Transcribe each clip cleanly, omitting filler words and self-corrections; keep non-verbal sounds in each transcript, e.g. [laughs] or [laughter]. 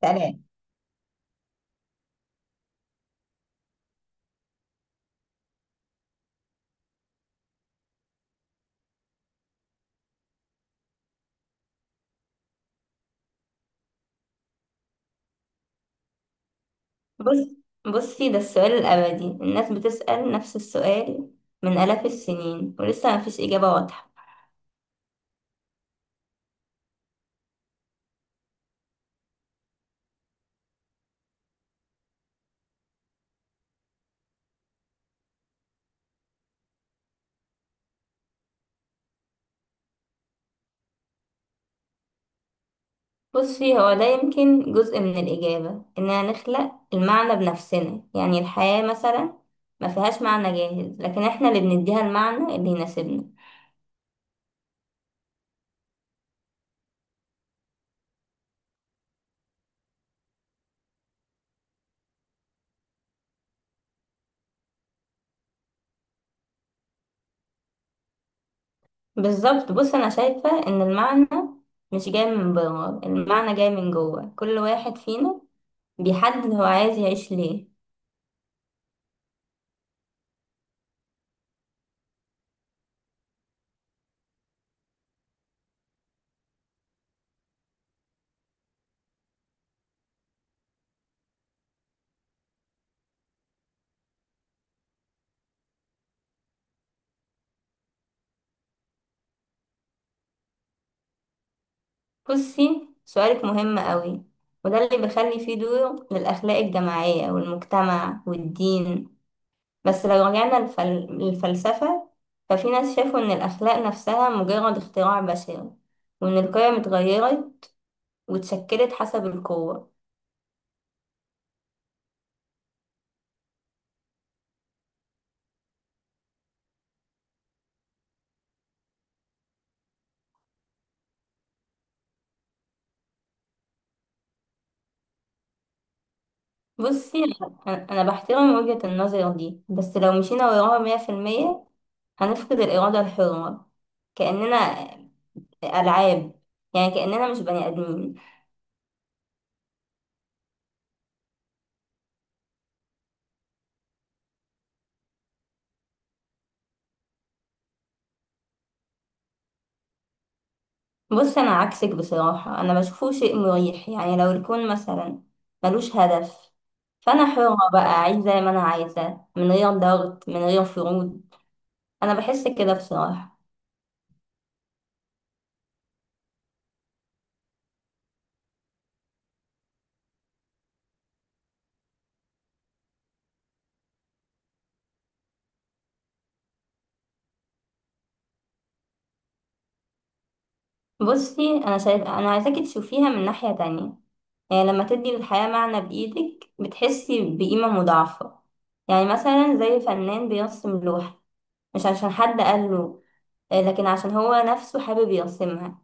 تمام. بص بصي، ده السؤال الأبدي، الناس بتسأل نفس السؤال من آلاف السنين ولسه مفيش إجابة واضحة. بصي، هو ده يمكن جزء من الإجابة، إننا نخلق المعنى بنفسنا. يعني الحياة مثلا ما فيهاش معنى جاهز، لكن إحنا اللي بنديها المعنى اللي يناسبنا. بالظبط. بص، أنا شايفة إن المعنى مش جاي من بره، المعنى جاي من جوه كل واحد فينا، بيحدد هو عايز يعيش ليه. بصي، سؤالك مهم قوي، وده اللي بيخلي فيه دور للأخلاق الجماعية والمجتمع والدين. بس لو رجعنا للفلسفة، ففي ناس شافوا إن الأخلاق نفسها مجرد اختراع بشري، وإن القيم اتغيرت واتشكلت حسب القوة. بصي، أنا بحترم وجهة النظر دي، بس لو مشينا وراها مية في المية هنفقد الإرادة الحرة. كأننا ألعاب، يعني كأننا مش بني آدمين. بص، انا عكسك بصراحة، انا بشوفه شيء مريح. يعني لو الكون مثلا ملوش هدف، فانا حرة بقى اعيش زي ما انا عايزة، من غير ضغط، من غير فروض. انا بحس كده بصراحة. بصي، انا شايف انا عايزاكي تشوفيها من ناحية تانية. يعني لما تدي للحياة معنى بايدك بتحسي بقيمة مضاعفة. يعني مثلا زي فنان بيرسم لوحة، مش عشان حد قال له، لكن عشان هو نفسه حابب يرسمها.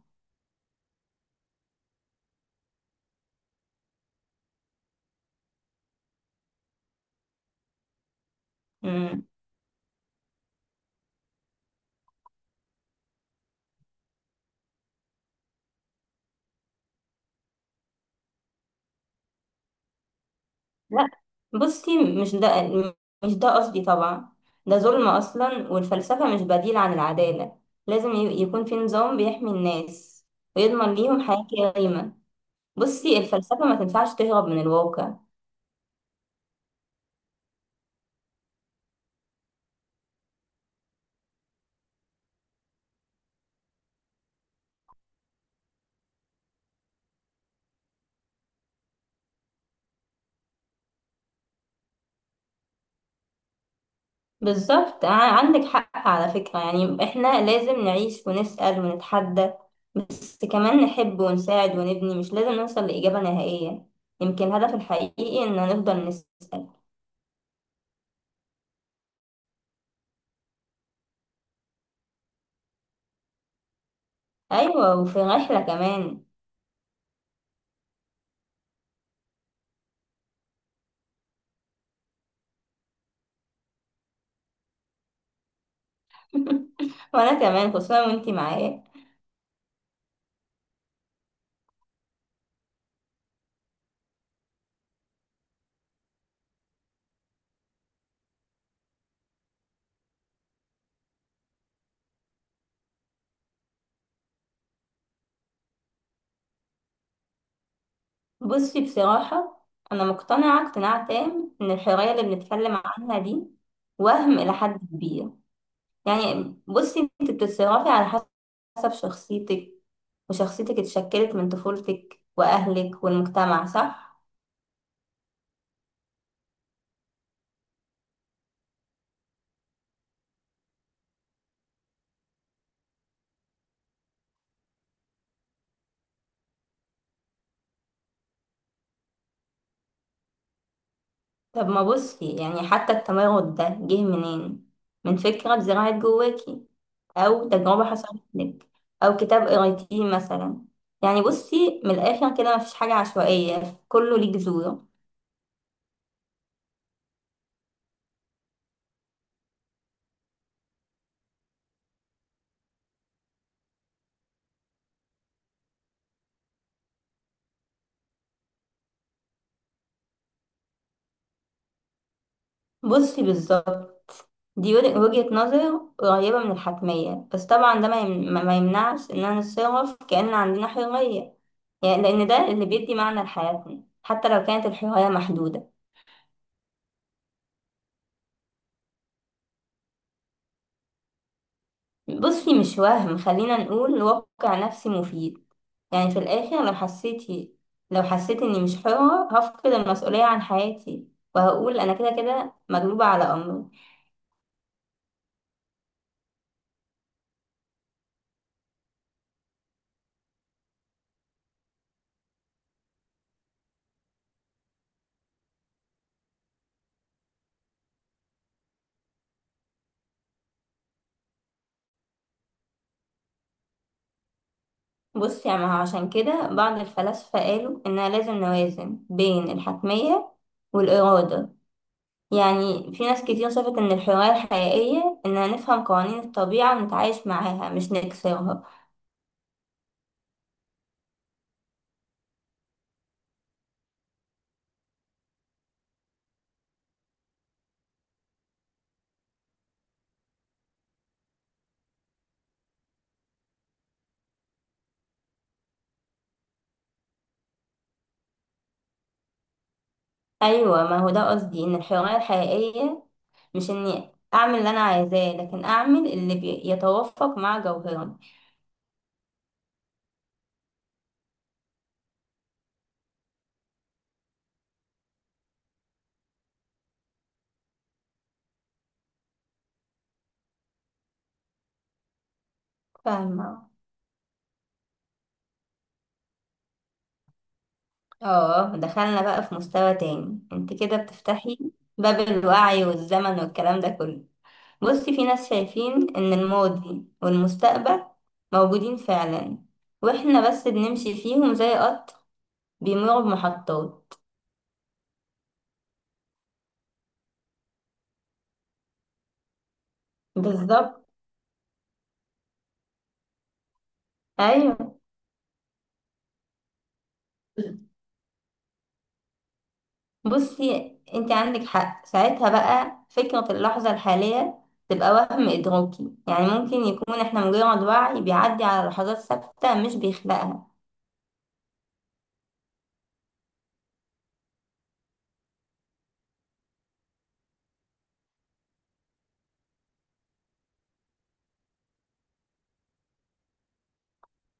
لا، بصي، مش ده قصدي طبعا. ده ظلم أصلا، والفلسفة مش بديل عن العدالة. لازم يكون في نظام بيحمي الناس ويضمن ليهم حياة كريمة. بصي، الفلسفة ما تنفعش تهرب من الواقع. بالظبط، عندك حق على فكرة. يعني احنا لازم نعيش ونسأل ونتحدى، بس كمان نحب ونساعد ونبني. مش لازم نوصل لإجابة نهائية، يمكن الهدف الحقيقي إن نفضل نسأل. أيوة، وفي رحلة كمان. [laughs] وانا كمان، خصوصا وانتي معايا. بصي، بصراحة انا مقتنعة اقتناع تام ان الحرية اللي بنتكلم عنها دي وهم الى حد كبير. يعني بصي، انت بتتصرفي على حسب شخصيتك، وشخصيتك اتشكلت من طفولتك واهلك والمجتمع، صح؟ طب ما بصي، يعني حتى التمرد ده جه منين؟ من فكرة اتزرعت جواكي، أو تجربة حصلت لك، أو كتاب قريتيه مثلا. يعني بصي، من الآخر كده مفيش حاجة عشوائية، كله ليه جذور. بصي بالظبط، دي وجهة نظر قريبة من الحتمية، بس طبعا ده ما يمنعش إننا نتصرف كأن عندنا حرية. يعني لأن ده اللي بيدي معنى لحياتنا، حتى لو كانت الحرية محدودة. بصي، مش وهم، خلينا نقول واقع نفسي مفيد. يعني في الآخر، لو حسيت إني مش حرة هفقد المسؤولية عن حياتي، وهقول أنا كده كده مغلوبة على أمري. بصي، يعني عشان كده بعض الفلاسفة قالوا إننا لازم نوازن بين الحتمية والإرادة. يعني في ناس كتير شافت إن الحرية الحقيقية إننا نفهم قوانين الطبيعة ونتعايش معاها، مش نكسرها. أيوة، ما هو ده قصدي. إن الحرية الحقيقية مش اني اعمل اللي انا عايزاه، لكن اعمل اللي يتوافق مع جوهرنا. فاهمة. اه، دخلنا بقى في مستوى تاني. انت كده بتفتحي باب الوعي والزمن والكلام ده كله. بصي، في ناس شايفين ان الماضي والمستقبل موجودين فعلا، واحنا بس بنمشي فيهم زي قطر بيمر بمحطات. بالظبط. ايوه. بصي، انت عندك حق. ساعتها بقى فكرة اللحظة الحالية تبقى وهم إدراكي. يعني ممكن يكون احنا مجرد وعي بيعدي على لحظات ثابتة، مش بيخلقها.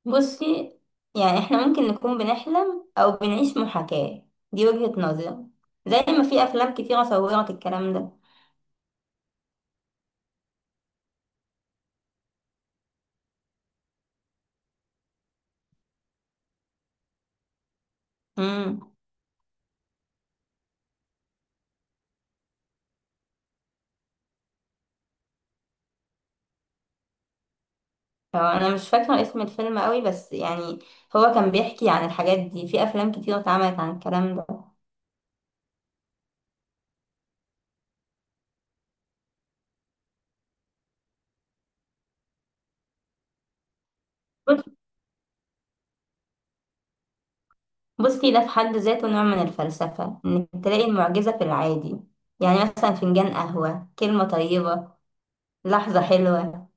بصي، يعني احنا ممكن نكون بنحلم أو بنعيش محاكاة. دي وجهة نظري، زي ما في أفلام كتيرة صورت الكلام ده. امم هو أنا مش فاكرة اسم الفيلم قوي، بس يعني هو كان بيحكي عن الحاجات دي. في أفلام كتيرة اتعملت عن الكلام ده. بصي، ده في حد ذاته نوع من الفلسفة، إنك تلاقي المعجزة في العادي. يعني مثلا فنجان قهوة، كلمة طيبة، لحظة حلوة.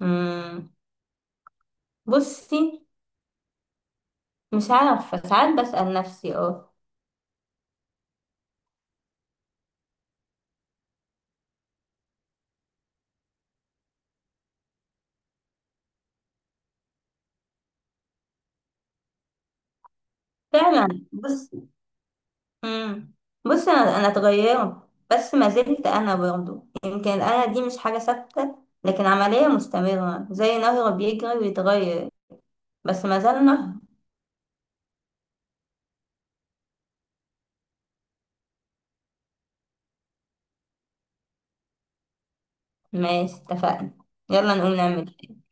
مم. بصي، مش عارفة، ساعات بسأل نفسي، اه. فعلا. بص. مم. بصي، أنا اتغيرت، بس ما زلت أنا برضه. يمكن أنا دي مش حاجة ثابتة، لكن عملية مستمرة زي نهر بيجري ويتغير، بس ما زال نهر. ماشي، اتفقنا. يلا نقوم، نعمل إيه؟